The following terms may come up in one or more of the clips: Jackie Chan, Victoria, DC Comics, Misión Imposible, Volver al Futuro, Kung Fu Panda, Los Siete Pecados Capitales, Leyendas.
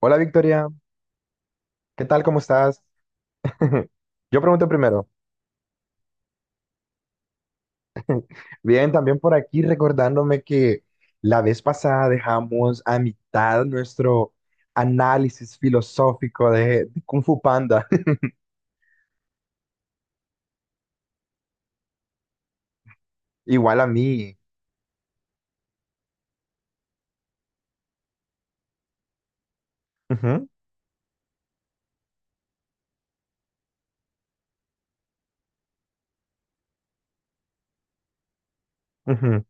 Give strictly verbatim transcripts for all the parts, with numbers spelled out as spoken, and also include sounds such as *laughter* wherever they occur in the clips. Hola Victoria, ¿qué tal? ¿Cómo estás? *laughs* Yo pregunto primero. Bien, también por aquí recordándome que la vez pasada dejamos a mitad nuestro análisis filosófico de, de Kung Fu Panda. *laughs* Igual a mí. Ujú, ujú.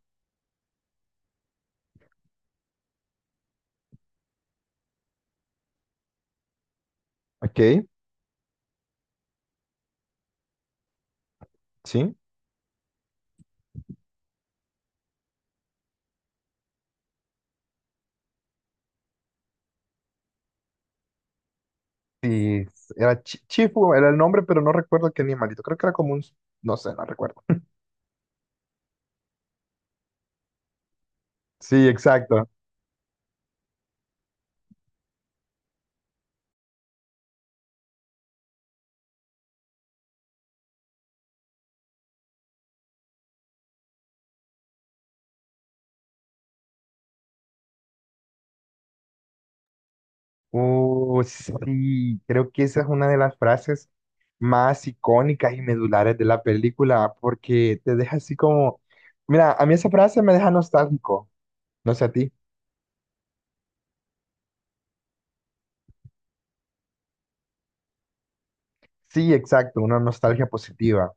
Ok, sí. Sí, era Chi- Chifu, era el nombre, pero no recuerdo qué animalito. Creo que era como un... No sé, no recuerdo. *laughs* Sí, exacto. Oh, sí, creo que esa es una de las frases más icónicas y medulares de la película, porque te deja así como, mira, a mí esa frase me deja nostálgico, no sé a ti. Sí, exacto, una nostalgia positiva.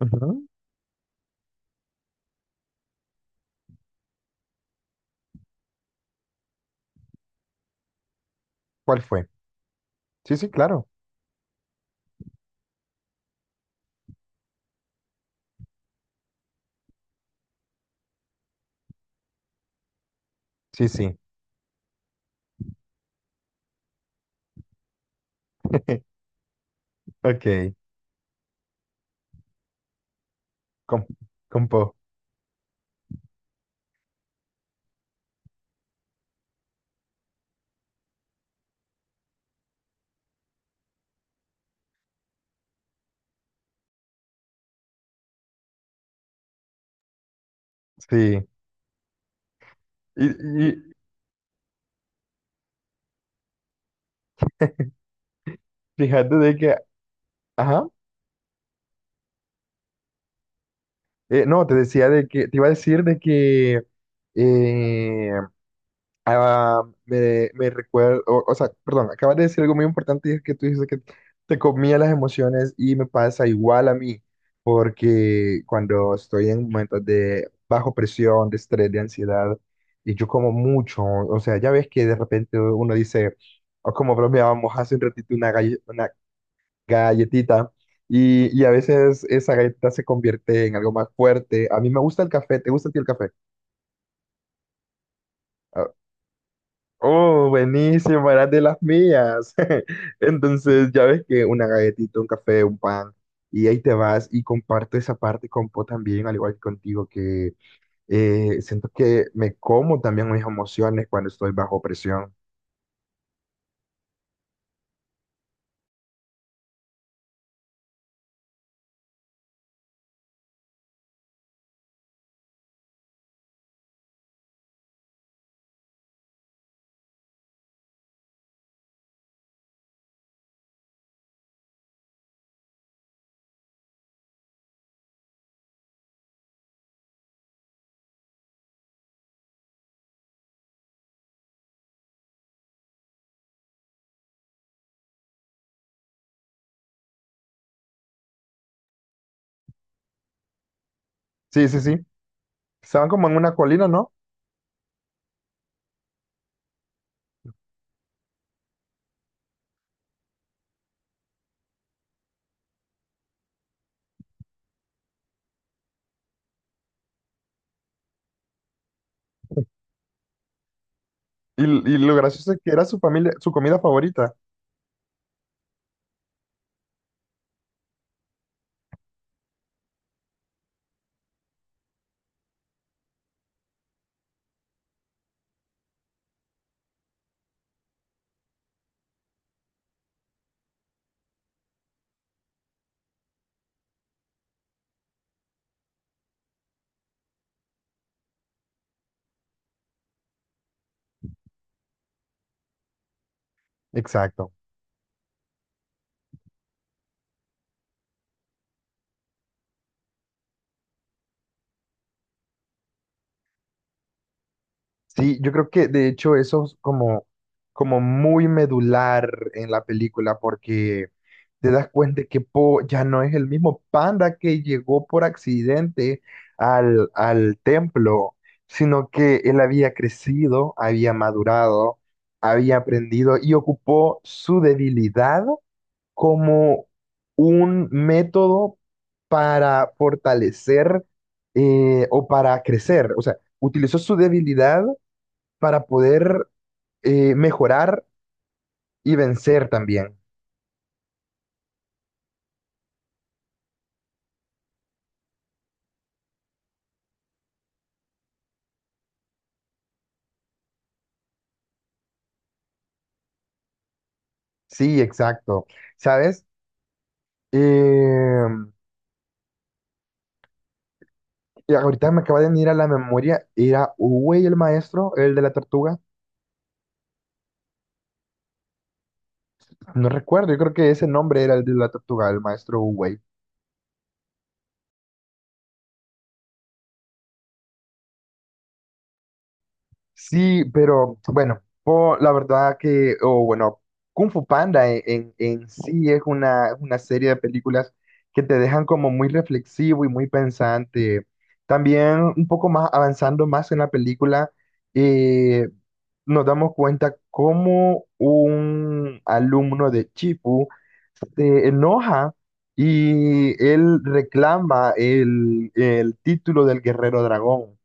Ujú. ¿Cuál fue? Sí, sí, claro. Sí, sí. *laughs* Ok, com- compo. Sí. Y, y fíjate de que, ajá, eh, no, te decía de que, te iba a decir de que eh, ah, me, me recuerdo, o, o sea, perdón, acabas de decir algo muy importante y es que tú dices que te comía las emociones y me pasa igual a mí, porque cuando estoy en momentos de bajo presión, de estrés, de ansiedad, y yo como mucho, o sea, ya ves que de repente uno dice, o como bromeábamos hace un ratito, una, galle- una galletita, y, y a veces esa galletita se convierte en algo más fuerte. A mí me gusta el café, ¿te gusta a ti el café? Ah, oh, buenísimo, eras de las mías. *laughs* Entonces, ya ves que una galletita, un café, un pan, y ahí te vas y comparto esa parte con Po también, al igual que contigo, que eh, siento que me como también mis emociones cuando estoy bajo presión. Sí, sí, sí. Estaban como en una colina, ¿no? Y, y lo gracioso es que era su familia, su comida favorita. Exacto. Sí, yo creo que de hecho eso es como, como muy medular en la película porque te das cuenta que Po ya no es el mismo panda que llegó por accidente al, al templo, sino que él había crecido, había madurado, había aprendido y ocupó su debilidad como un método para fortalecer eh, o para crecer. O sea, utilizó su debilidad para poder eh, mejorar y vencer también. Sí, exacto. ¿Sabes? Eh, y ahorita me acaba de venir a la memoria, era Uwey el maestro, el de la tortuga. No recuerdo, yo creo que ese nombre era el de la tortuga, el maestro Uwey. Sí, pero bueno, po- la verdad que, o bueno, Kung Fu Panda en, en- en sí es una, es una serie de películas que te dejan como muy reflexivo y muy pensante. También un poco más avanzando más en la película, eh, nos damos cuenta cómo un alumno de Chipu se enoja y él reclama el, el título del guerrero dragón.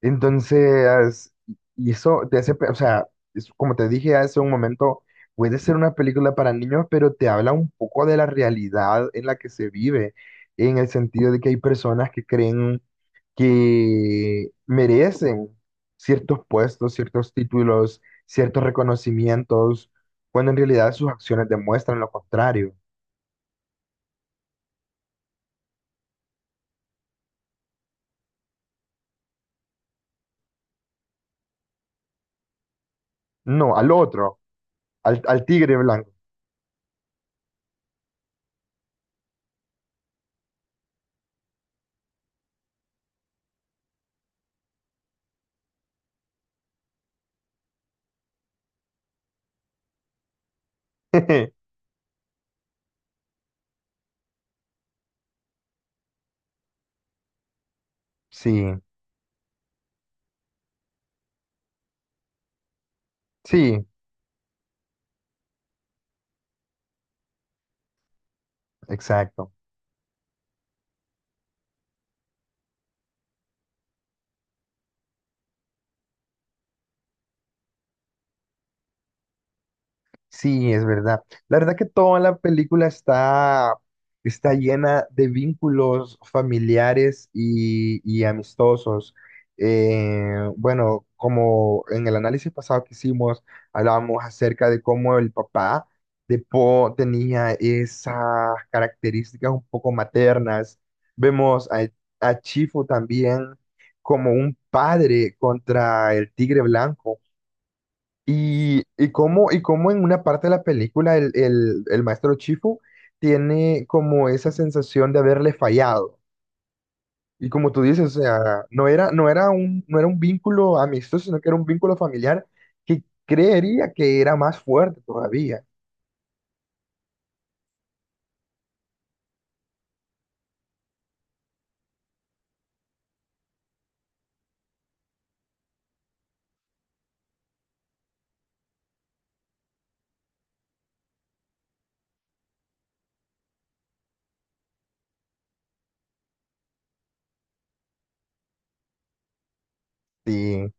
Entonces, y eso te hace, pe- o sea, es como te dije hace un momento, puede ser una película para niños, pero te habla un poco de la realidad en la que se vive, en el sentido de que hay personas que creen que merecen ciertos puestos, ciertos títulos, ciertos reconocimientos, cuando en realidad sus acciones demuestran lo contrario. No, al otro, al, al tigre blanco. *laughs* Sí, sí, exacto. Sí, es verdad. La verdad que toda la película está, está llena de vínculos familiares y, y amistosos. Eh, bueno, como en el análisis pasado que hicimos, hablábamos acerca de cómo el papá de Po tenía esas características un poco maternas. Vemos a, a Chifu también como un padre contra el tigre blanco y, y cómo, y cómo en una parte de la película el, el- el maestro Chifu tiene como esa sensación de haberle fallado. Y como tú dices, o sea, no era, no era un, no era un vínculo amistoso, sino que era un vínculo familiar que creería que era más fuerte todavía. Sí,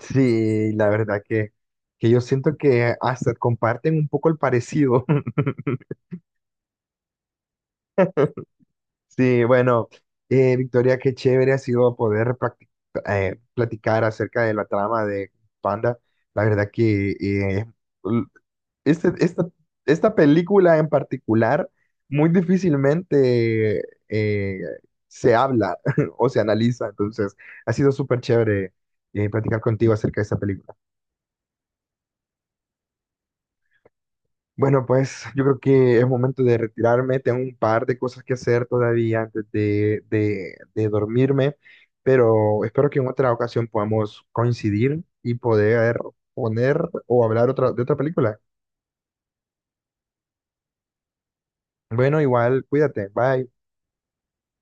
sí, la verdad que, que yo siento que hasta comparten un poco el parecido. *laughs* Sí, bueno, eh, Victoria, qué chévere ha sido poder practi- eh, platicar acerca de la trama de Panda. La verdad que eh, l- este- esta, esta película en particular muy difícilmente eh, se habla *laughs* o se analiza, entonces ha sido súper chévere eh, platicar contigo acerca de esta película. Bueno, pues yo creo que es momento de retirarme. Tengo un par de cosas que hacer todavía antes de, de- de dormirme, pero espero que en otra ocasión podamos coincidir y poder poner o hablar otra, de otra película. Bueno, igual, cuídate. Bye.